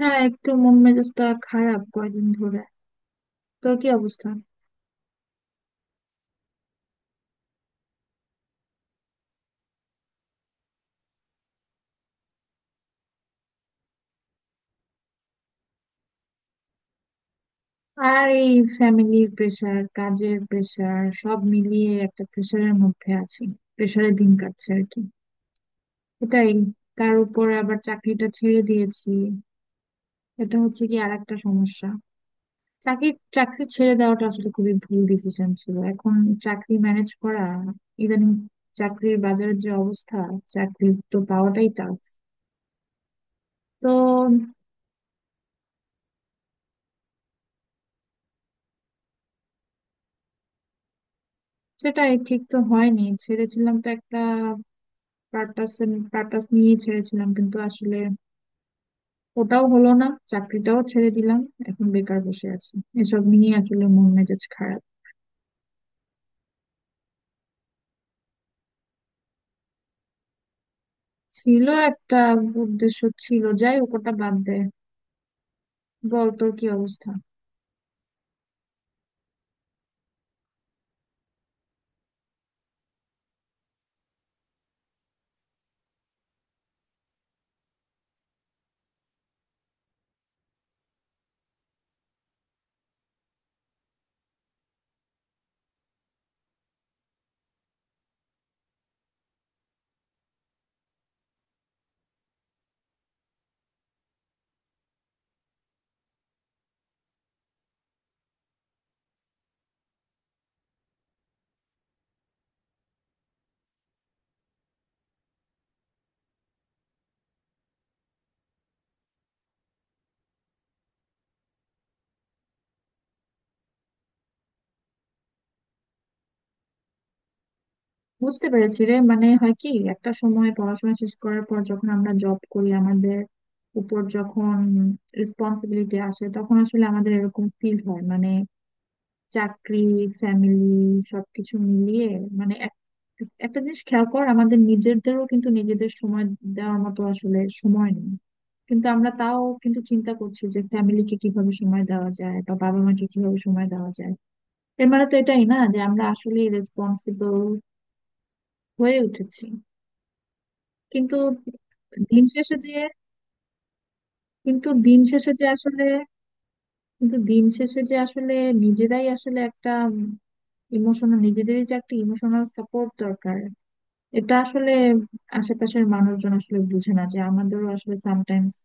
হ্যাঁ, একটু মন মেজাজটা খারাপ কয়দিন ধরে। তোর কি অবস্থা? আর এই ফ্যামিলির প্রেশার, কাজের প্রেশার, সব মিলিয়ে একটা প্রেশারের মধ্যে আছি। প্রেশারে দিন কাটছে আর কি। এটাই। তার উপর আবার চাকরিটা ছেড়ে দিয়েছি। এটা হচ্ছে কি আর একটা সমস্যা। চাকরি চাকরি ছেড়ে দেওয়াটা আসলে খুবই ভুল ডিসিশন ছিল। এখন চাকরি ম্যানেজ করা, ইদানিং চাকরির বাজারের যে অবস্থা, চাকরি তো পাওয়াটাই টাফ। তো সেটাই, ঠিক তো হয়নি। ছেড়েছিলাম তো একটা পারপাস পারপাস নিয়ে ছেড়েছিলাম, কিন্তু আসলে ওটাও হলো না, চাকরিটাও ছেড়ে দিলাম। এখন বেকার বসে আছি। এসব নিয়ে আসলে মন মেজাজ খারাপ। ছিল একটা উদ্দেশ্য ছিল, যাই হোক ওটা বাদ দে। বল, তোর কি অবস্থা? বুঝতে পেরেছি রে। মানে হয় কি, একটা সময় পড়াশোনা শেষ করার পর যখন আমরা জব করি, আমাদের উপর যখন রেসপন্সিবিলিটি আসে, তখন আসলে আমাদের এরকম ফিল হয়। মানে চাকরি, ফ্যামিলি, সবকিছু মিলিয়ে মানে একটা জিনিস খেয়াল কর, আমাদের নিজেদেরও কিন্তু নিজেদের সময় দেওয়ার মতো আসলে সময় নেই। কিন্তু আমরা তাও কিন্তু চিন্তা করছি যে ফ্যামিলিকে কিভাবে সময় দেওয়া যায় বা বাবা মাকে কিভাবে সময় দেওয়া যায়। এর মানে তো এটাই না যে আমরা আসলে রেসপন্সিবল হয়ে উঠেছি কিন্তু দিন শেষে যে কিন্তু দিন শেষে যে আসলে কিন্তু দিন শেষে যে আসলে নিজেরাই আসলে একটা ইমোশনাল নিজেদেরই যে একটা ইমোশনাল সাপোর্ট দরকার। এটা আসলে আশেপাশের মানুষজন আসলে বুঝে না যে আমাদেরও আসলে সামটাইমস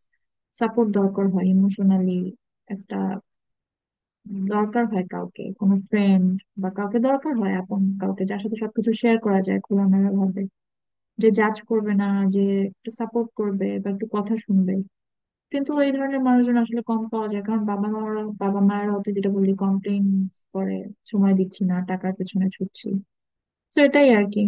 সাপোর্ট দরকার হয় ইমোশনালি। একটা দরকার হয় কাউকে, কোনো ফ্রেন্ড বা কাউকে, দরকার হয় আপন কাউকে যার সাথে সবকিছু শেয়ার করা যায় খোলামেলা ভাবে, যে জাজ করবে না, যে একটু সাপোর্ট করবে বা একটু কথা শুনবে। কিন্তু এই ধরনের মানুষজন আসলে কম পাওয়া যায়, কারণ বাবা মায়ের হয়তো, যেটা বললি, কমপ্লেন করে সময় দিচ্ছি না, টাকার পেছনে ছুটছি। তো এটাই আর কি।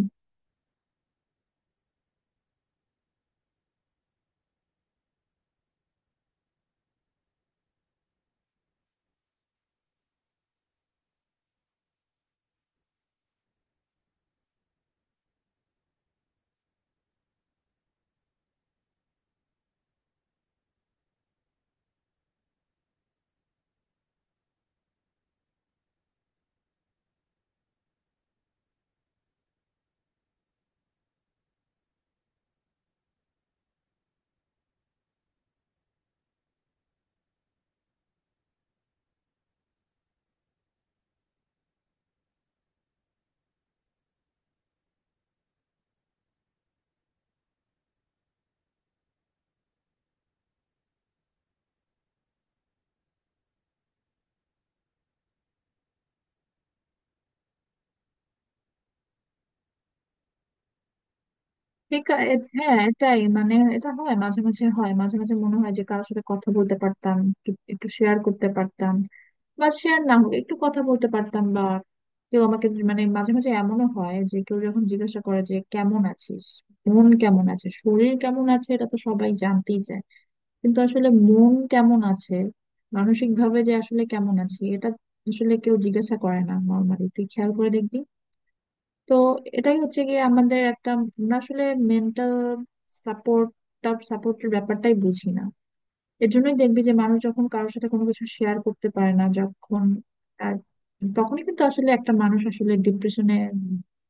বেকার। হ্যাঁ, এটাই, মানে এটা হয়, মাঝে মাঝে হয়। মাঝে মাঝে মনে হয় যে কারোর সাথে কথা বলতে পারতাম, একটু একটু শেয়ার করতে পারতাম বা শেয়ার না হোক একটু কথা বলতে পারতাম, বা কেউ আমাকে, মানে মাঝে মাঝে এমনও হয় যে কেউ যখন জিজ্ঞাসা করে যে কেমন আছিস, মন কেমন আছে, শরীর কেমন আছে, এটা তো সবাই জানতেই চায়। কিন্তু আসলে মন কেমন আছে, মানসিক ভাবে যে আসলে কেমন আছি, এটা আসলে কেউ জিজ্ঞাসা করে না নর্মালি। তুই খেয়াল করে দেখবি। তো এটাই হচ্ছে গিয়ে আমাদের একটা, আমরা আসলে মেন্টাল সাপোর্ট সাপোর্টের ব্যাপারটাই বুঝি না। এর জন্যই দেখবি যে মানুষ যখন কারোর সাথে কোনো কিছু শেয়ার করতে পারে না যখন, আর তখনই কিন্তু আসলে একটা মানুষ আসলে ডিপ্রেশনে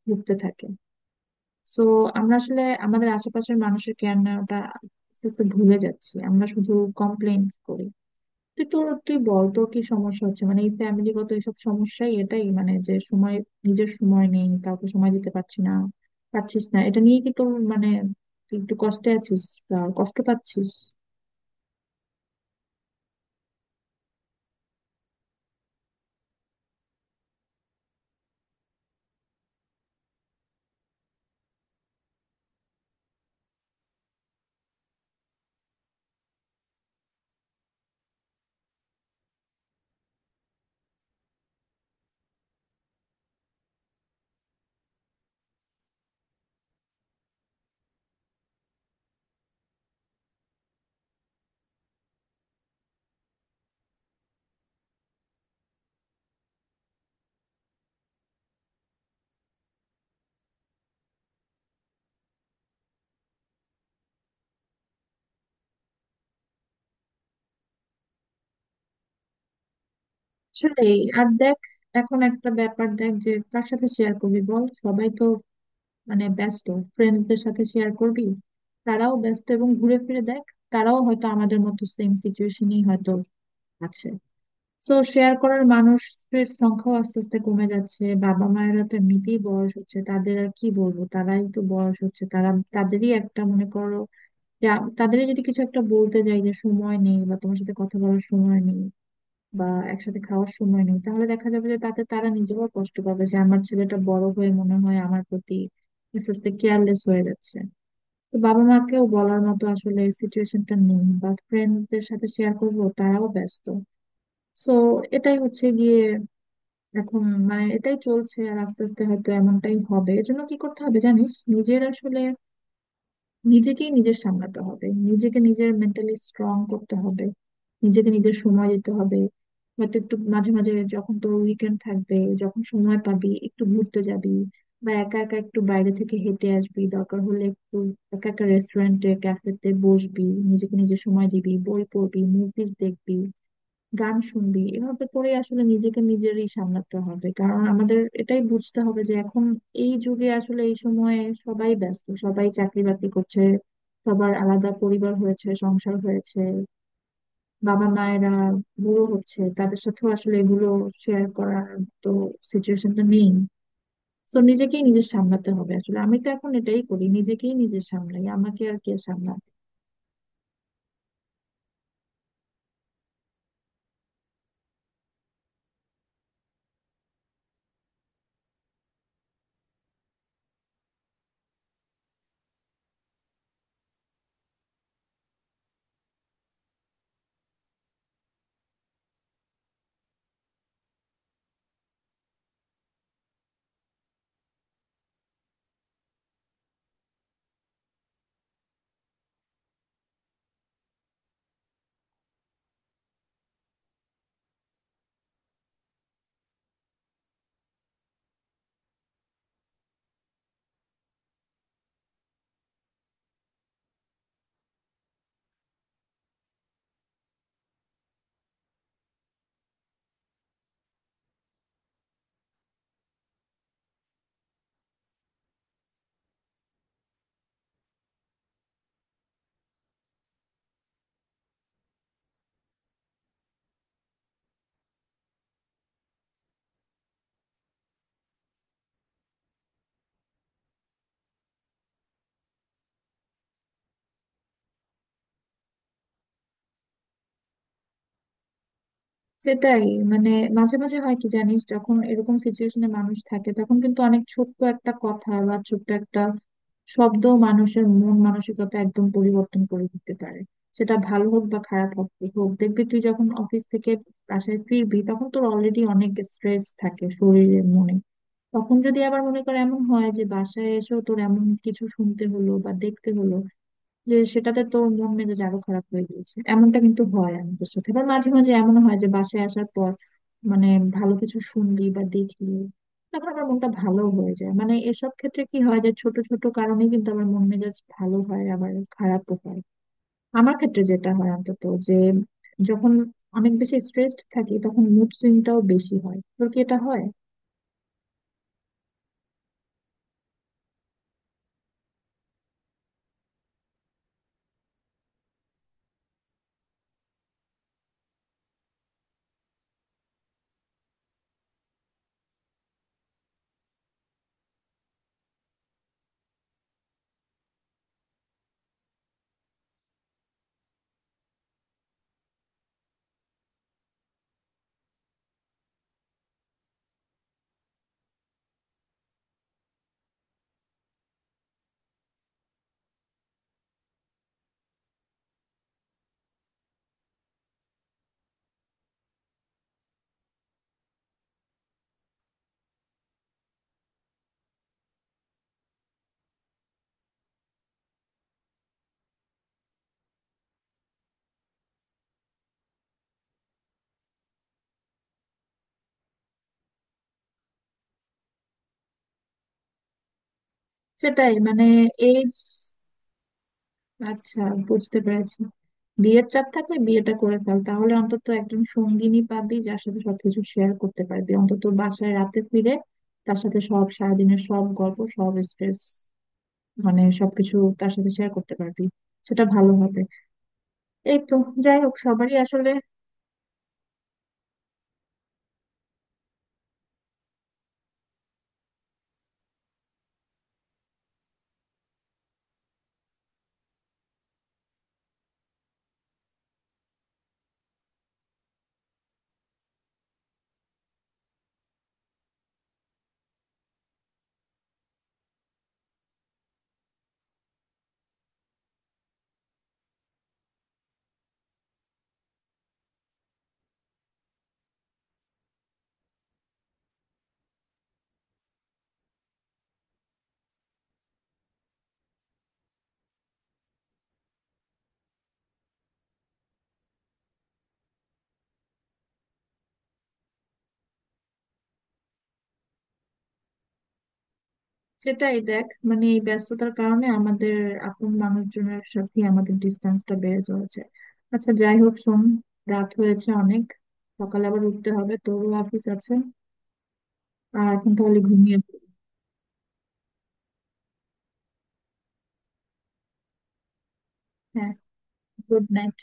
ভুগতে থাকে। সো আমরা আসলে আমাদের আশেপাশের মানুষের কেয়ার নেওয়াটা আস্তে আস্তে ভুলে যাচ্ছি, আমরা শুধু কমপ্লেন করি। তুই বল, তোর কি সমস্যা হচ্ছে? মানে এই ফ্যামিলিগত এইসব সমস্যাই, এটাই, মানে যে সময়, নিজের সময় নেই, কাউকে সময় দিতে পারছি না, পারছিস না, এটা নিয়ে কি তোর, মানে তুই একটু কষ্টে আছিস বা কষ্ট পাচ্ছিস? আসলে আর দেখ, এখন একটা ব্যাপার দেখ, যে কার সাথে শেয়ার করবি বল, সবাই তো মানে ব্যস্ত। ফ্রেন্ডসদের সাথে শেয়ার করবি, তারাও ব্যস্ত, এবং ঘুরে ফিরে দেখ তারাও হয়তো আমাদের মতো সেম সিচুয়েশনই হয়তো আছে। তো শেয়ার করার মানুষের সংখ্যাও আস্তে আস্তে কমে যাচ্ছে। বাবা মায়েরা তো এমনিতেই বয়স হচ্ছে, তাদের আর কি বলবো, তারাই তো বয়স হচ্ছে। তারা তাদেরই একটা মনে করো যে তাদেরই যদি কিছু একটা বলতে যাই যে সময় নেই বা তোমার সাথে কথা বলার সময় নেই বা একসাথে খাওয়ার সময় নেই, তাহলে দেখা যাবে যে তাতে তারা নিজেরাও কষ্ট পাবে, যে আমার ছেলেটা বড় হয়ে মনে হয় আমার প্রতি আস্তে আস্তে কেয়ারলেস হয়ে যাচ্ছে। তো বাবা মাকেও বলার মতো আসলে সিচুয়েশনটা নেই, বা ফ্রেন্ডসদের সাথে শেয়ার করবো, তারাও ব্যস্ত। সো এটাই হচ্ছে গিয়ে এখন, মানে এটাই চলছে, আর আস্তে আস্তে হয়তো এমনটাই হবে। এর জন্য কি করতে হবে জানিস, নিজের আসলে নিজেকেই নিজের সামলাতে হবে, নিজেকে নিজের মেন্টালি স্ট্রং করতে হবে, নিজেকে নিজের সময় দিতে হবে। হয়তো একটু মাঝে মাঝে যখন তোর উইকেন্ড থাকবে, যখন সময় পাবি, একটু ঘুরতে যাবি বা একা একা একটু বাইরে থেকে হেঁটে আসবি, দরকার হলে একটু একা একা রেস্টুরেন্টে ক্যাফেতে বসবি, নিজেকে নিজের সময় দিবি, বই পড়বি, মুভিজ দেখবি, গান শুনবি। এভাবে করে আসলে নিজেকে নিজেরই সামলাতে হবে, কারণ আমাদের এটাই বুঝতে হবে যে এখন এই যুগে আসলে এই সময়ে সবাই ব্যস্ত, সবাই চাকরি বাকরি করছে, সবার আলাদা পরিবার হয়েছে, সংসার হয়েছে, বাবা মায়েরা বুড়ো হচ্ছে, তাদের সাথেও আসলে এগুলো শেয়ার করার তো সিচুয়েশনটা নেই। তো নিজেকেই নিজের সামলাতে হবে আসলে, আমি তো এখন এটাই করি, নিজেকেই নিজের সামলাই, আমাকে আর কে সামলাবে। সেটাই, মানে মাঝে মাঝে হয় কি জানিস, যখন এরকম সিচুয়েশনে মানুষ থাকে তখন কিন্তু অনেক ছোট্ট একটা কথা বা ছোট্ট একটা শব্দ মানুষের মন মানসিকতা একদম পরিবর্তন করে দিতে পারে, সেটা ভালো হোক বা খারাপ হোক। দেখবি তুই যখন অফিস থেকে বাসায় ফিরবি তখন তোর অলরেডি অনেক স্ট্রেস থাকে শরীরে মনে, তখন যদি আবার মনে কর এমন হয় যে বাসায় এসেও তোর এমন কিছু শুনতে হলো বা দেখতে হলো যে সেটাতে তোর মন মেজাজ আরো খারাপ হয়ে গিয়েছে, এমনটা কিন্তু হয় আমাদের সাথে। আবার মাঝে মাঝে এমন হয় যে বাসায় আসার পর মানে ভালো কিছু শুনলি বা দেখলি, তারপর আমার মনটা ভালো হয়ে যায়। মানে এসব ক্ষেত্রে কি হয়, যে ছোট ছোট কারণে কিন্তু আমার মন মেজাজ ভালো হয় আবার খারাপও হয়। আমার ক্ষেত্রে যেটা হয় অন্তত, যে যখন অনেক বেশি স্ট্রেসড থাকি তখন মুড সুইংটাও বেশি হয়। তোর কি এটা হয়? সেটাই, মানে এজ, আচ্ছা, বুঝতে পেরেছি। বিয়ের চাপ থাকলে বিয়েটা করে ফেল, তাহলে অন্তত একজন সঙ্গিনী পাবি যার সাথে সবকিছু শেয়ার করতে পারবি, অন্তত বাসায় রাতে ফিরে তার সাথে সব সারাদিনের সব গল্প, সব স্ট্রেস, মানে সবকিছু তার সাথে শেয়ার করতে পারবি, সেটা ভালো হবে। এই তো, যাই হোক, সবারই আসলে সেটাই দেখ, মানে এই ব্যস্ততার কারণে আমাদের আপন মানুষজনের সাথে আমাদের ডিস্টেন্সটা বেড়ে চলেছে। আচ্ছা, যাই হোক, শোন, রাত হয়েছে অনেক, সকালে আবার উঠতে হবে, তোরও অফিস আছে, আর এখন তাহলে ঘুমিয়ে পড়ি। হ্যাঁ, গুড নাইট।